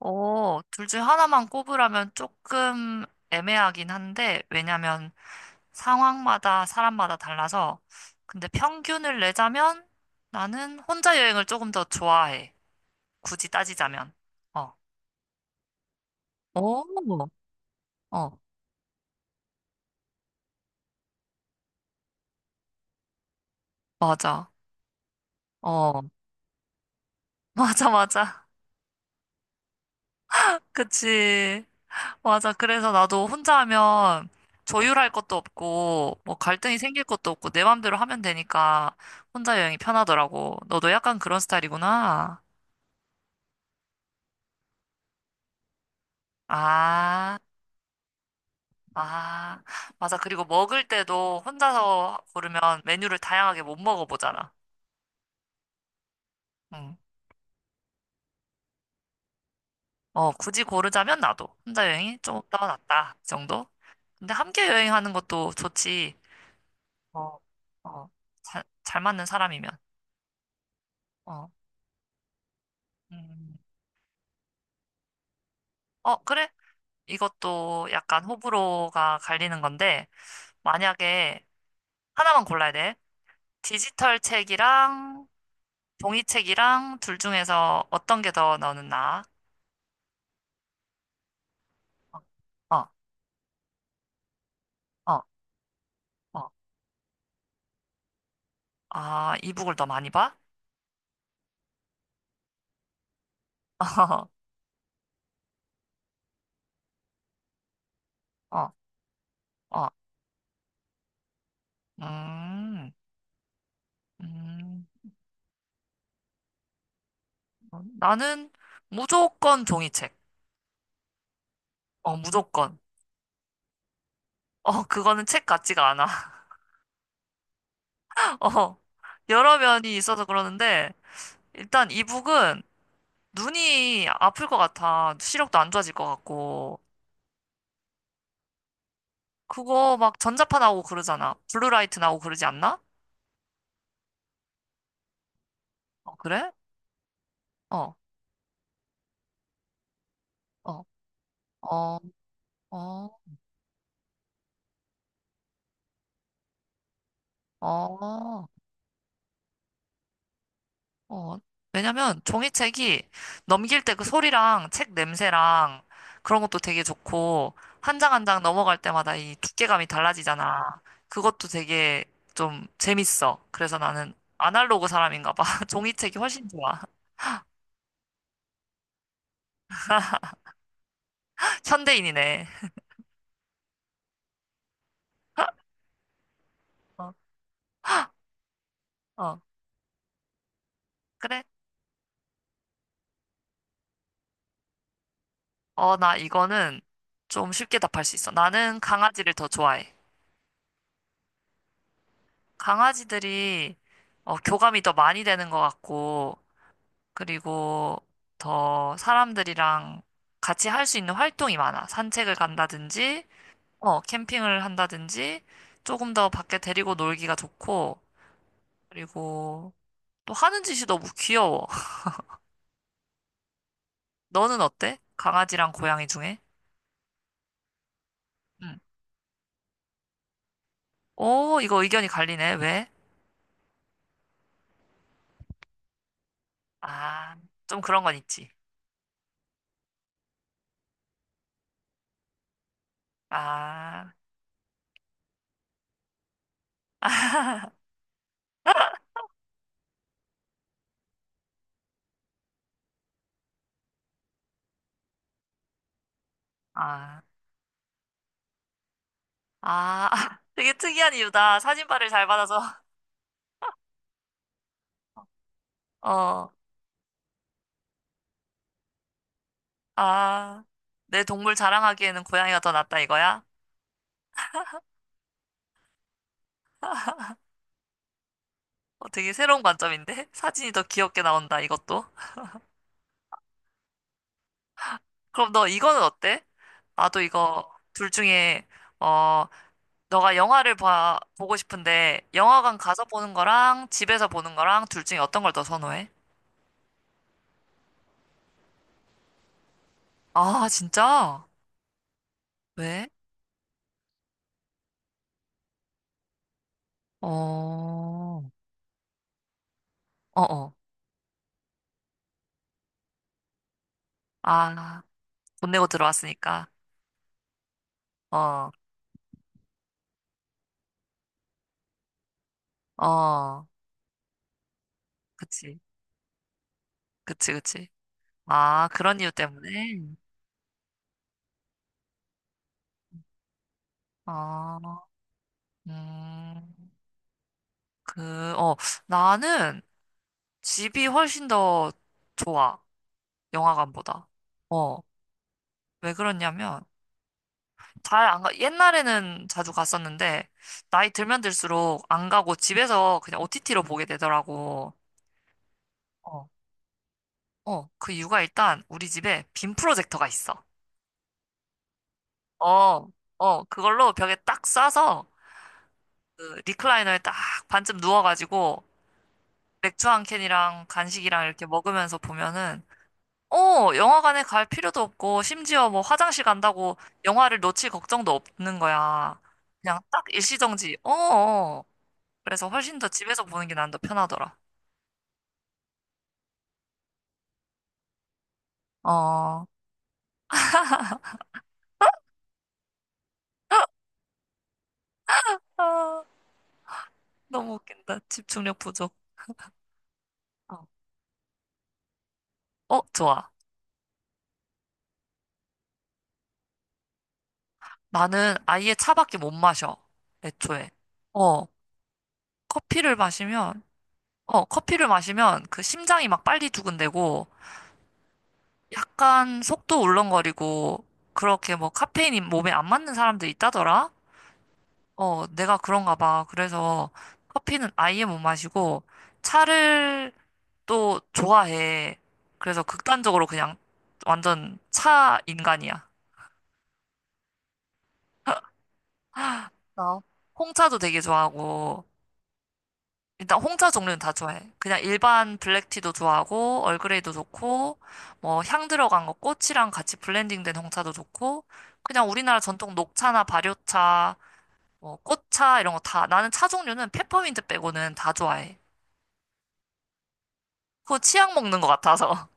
둘 중 하나만 꼽으라면 조금 애매하긴 한데, 왜냐면 상황마다 사람마다 달라서, 근데 평균을 내자면 나는 혼자 여행을 조금 더 좋아해. 굳이 따지자면. 어. 오, 어, 맞아. 어, 맞아, 맞아. 그치. 맞아. 그래서 나도 혼자 하면 조율할 것도 없고, 뭐 갈등이 생길 것도 없고, 내 맘대로 하면 되니까 혼자 여행이 편하더라고. 너도 약간 그런 스타일이구나. 아, 아, 맞아. 그리고 먹을 때도 혼자서 고르면 메뉴를 다양하게 못 먹어보잖아. 응. 굳이 고르자면 나도 혼자 여행이 좀 더 낫다. 이 정도? 근데 함께 여행하는 것도 좋지. 어, 어, 잘 맞는 사람이면. 어, 음. 어, 그래? 이것도 약간 호불호가 갈리는 건데, 만약에 하나만 골라야 돼. 디지털 책이랑 종이 책이랑 둘 중에서 어떤 게 더 너는 나아? 어. 어, 어, 어. 아, 이북을 더 많이 봐? 어, 어. 어. 음, 음. 어, 나는 무조건 종이책. 어, 무조건. 어, 그거는 책 같지가 않아. 어, 여러 면이 있어서 그러는데, 일단 이북은 눈이 아플 것 같아. 시력도 안 좋아질 것 같고. 그거 막 전자파 나오고 그러잖아. 블루라이트 나오고 그러지 않나? 어, 그래? 어, 어, 어, 어, 어. 어, 왜냐면 종이책이 넘길 때 그 소리랑 책 냄새랑 그런 것도 되게 좋고, 한 장 한 장 넘어갈 때마다 이 두께감이 달라지잖아. 그것도 되게 좀 재밌어. 그래서 나는 아날로그 사람인가 봐. 종이책이 훨씬 좋아. 현대인이네. 어, 어, 그래? 나 이거는 좀 쉽게 답할 수 있어. 나는 강아지를 더 좋아해. 강아지들이 교감이 더 많이 되는 것 같고, 그리고 더 사람들이랑 같이 할 수 있는 활동이 많아. 산책을 간다든지, 캠핑을 한다든지, 조금 더 밖에 데리고 놀기가 좋고, 그리고 또 하는 짓이 너무 귀여워. 너는 어때? 강아지랑 고양이 중에? 응. 오, 이거 의견이 갈리네. 왜? 아, 좀 그런 건 있지. 아, 아, 아, 되게 특이한 이유다. 사진발을 잘 받아서. 어, 아, 내 동물 자랑하기에는 고양이가 더 낫다 이거야? 어, 되게 새로운 관점인데? 사진이 더 귀엽게 나온다, 이것도. 그럼 너 이거는 어때? 나도 이거 둘 중에, 어, 너가 영화를 보고 싶은데, 영화관 가서 보는 거랑 집에서 보는 거랑 둘 중에 어떤 걸 더 선호해? 아, 진짜? 왜? 어, 어어. 아, 돈 내고 들어왔으니까. 어, 어. 그치. 그치, 그치. 아, 그런 이유 때문에? 어, 음, 그, 어, 나는, 집이 훨씬 더 좋아. 영화관보다. 어. 왜 그러냐면, 잘 안 가, 옛날에는 자주 갔었는데, 나이 들면 들수록 안 가고 집에서 그냥 OTT로 보게 되더라고. 어. 어. 그 이유가 일단 우리 집에 빔 프로젝터가 있어. 어. 어. 그걸로 벽에 딱 쏴서, 그 리클라이너에 딱 반쯤 누워가지고, 맥주 한 캔이랑 간식이랑 이렇게 먹으면서 보면은 어, 영화관에 갈 필요도 없고, 심지어 뭐 화장실 간다고 영화를 놓칠 걱정도 없는 거야. 그냥 딱 일시정지. 어, 어. 그래서 훨씬 더 집에서 보는 게 난 더 편하더라. 어, 아, 너무 웃긴다. 집중력 부족. 어, 어, 좋아. 나는 아예 차밖에 못 마셔. 애초에. 어, 커피를 마시면, 커피를 마시면 그 심장이 막 빨리 두근대고, 약간 속도 울렁거리고, 그렇게 뭐 카페인이 몸에 안 맞는 사람들 있다더라? 어, 내가 그런가 봐. 그래서 커피는 아예 못 마시고 차를 또 좋아해. 그래서 극단적으로 그냥 완전 차 인간이야. 어. 홍차도 되게 좋아하고 일단 홍차 종류는 다 좋아해. 그냥 일반 블랙티도 좋아하고 얼그레이도 좋고 뭐 향 들어간 거 꽃이랑 같이 블렌딩된 홍차도 좋고 그냥 우리나라 전통 녹차나 발효차 뭐 꽃차 이런 거 다 나는 차 종류는 페퍼민트 빼고는 다 좋아해. 그거 치약 먹는 것 같아서.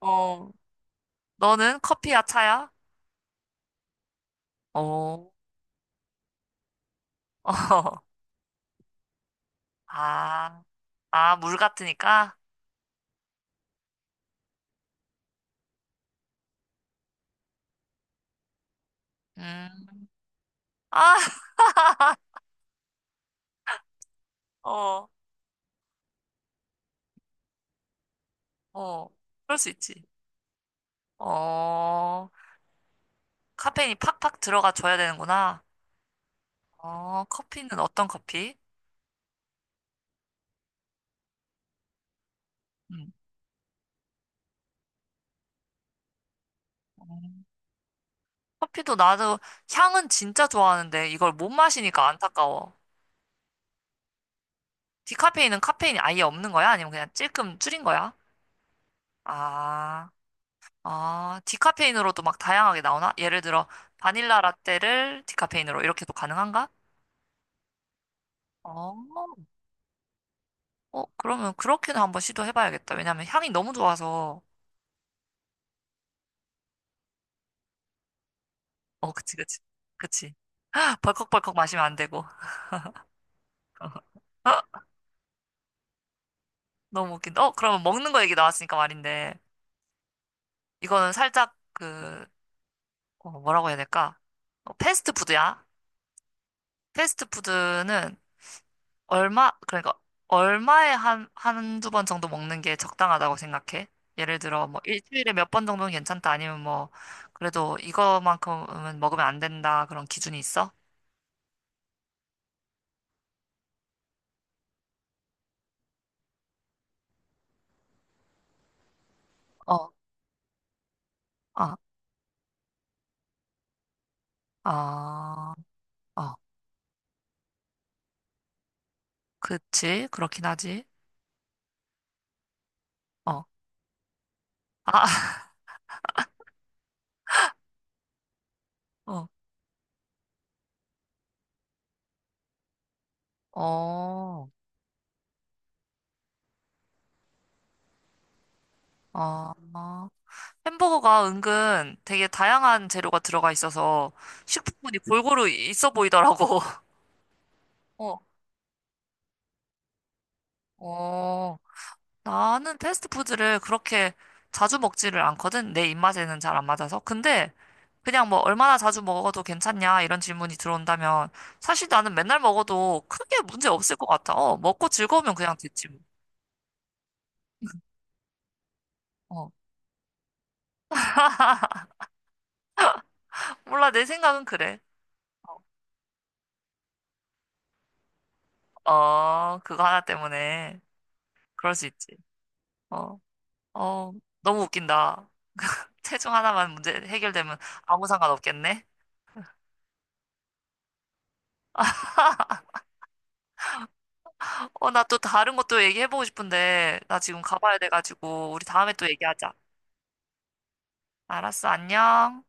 어, 너는 커피야, 차야? 어, 어, 아, 아, 물 같으니까? 음, 아, 어, 어, 그럴 수 있지. 어, 카페인이 팍팍 들어가 줘야 되는구나. 어, 커피는 어떤 커피? 음, 음. 커피도 나도 향은 진짜 좋아하는데 이걸 못 마시니까 안타까워. 디카페인은 카페인이 아예 없는 거야? 아니면 그냥 찔끔 줄인 거야? 아. 아, 디카페인으로도 막 다양하게 나오나? 예를 들어, 바닐라 라떼를 디카페인으로 이렇게도 가능한가? 어, 어, 그러면 그렇게는 한번 시도해봐야겠다. 왜냐면 향이 너무 좋아서. 어, 그치, 그치. 그치. 벌컥벌컥 마시면 안 되고. 너무 웃긴다. 어, 그러면 먹는 거 얘기 나왔으니까 말인데, 이거는 살짝 그, 어, 뭐라고 해야 될까? 어, 패스트푸드야. 패스트푸드는 그러니까 얼마에 한두 번 정도 먹는 게 적당하다고 생각해? 예를 들어 뭐 일주일에 몇 번 정도는 괜찮다 아니면 뭐 그래도 이거만큼은 먹으면 안 된다 그런 기준이 있어? 어, 아, 아, 어, 그치, 그렇긴 하지. 어, 아, 어, 어, 어, 어. 햄버거가 은근 되게 다양한 재료가 들어가 있어서 식품군이 골고루 있어 보이더라고. 어, 어. 나는 패스트푸드를 그렇게 자주 먹지를 않거든. 내 입맛에는 잘 안 맞아서. 근데 그냥 뭐 얼마나 자주 먹어도 괜찮냐 이런 질문이 들어온다면 사실 나는 맨날 먹어도 크게 문제 없을 것 같아. 어, 먹고 즐거우면 그냥 됐지 뭐. 어. 몰라, 내 생각은 그래. 어, 그거 하나 때문에 그럴 수 있지. 어, 어, 너무 웃긴다. 체중 하나만 문제 해결되면 아무 상관 없겠네. 어, 나 또 다른 것도 얘기해보고 싶은데, 나 지금 가봐야 돼가지고, 우리 다음에 또 얘기하자. 알았어, 안녕.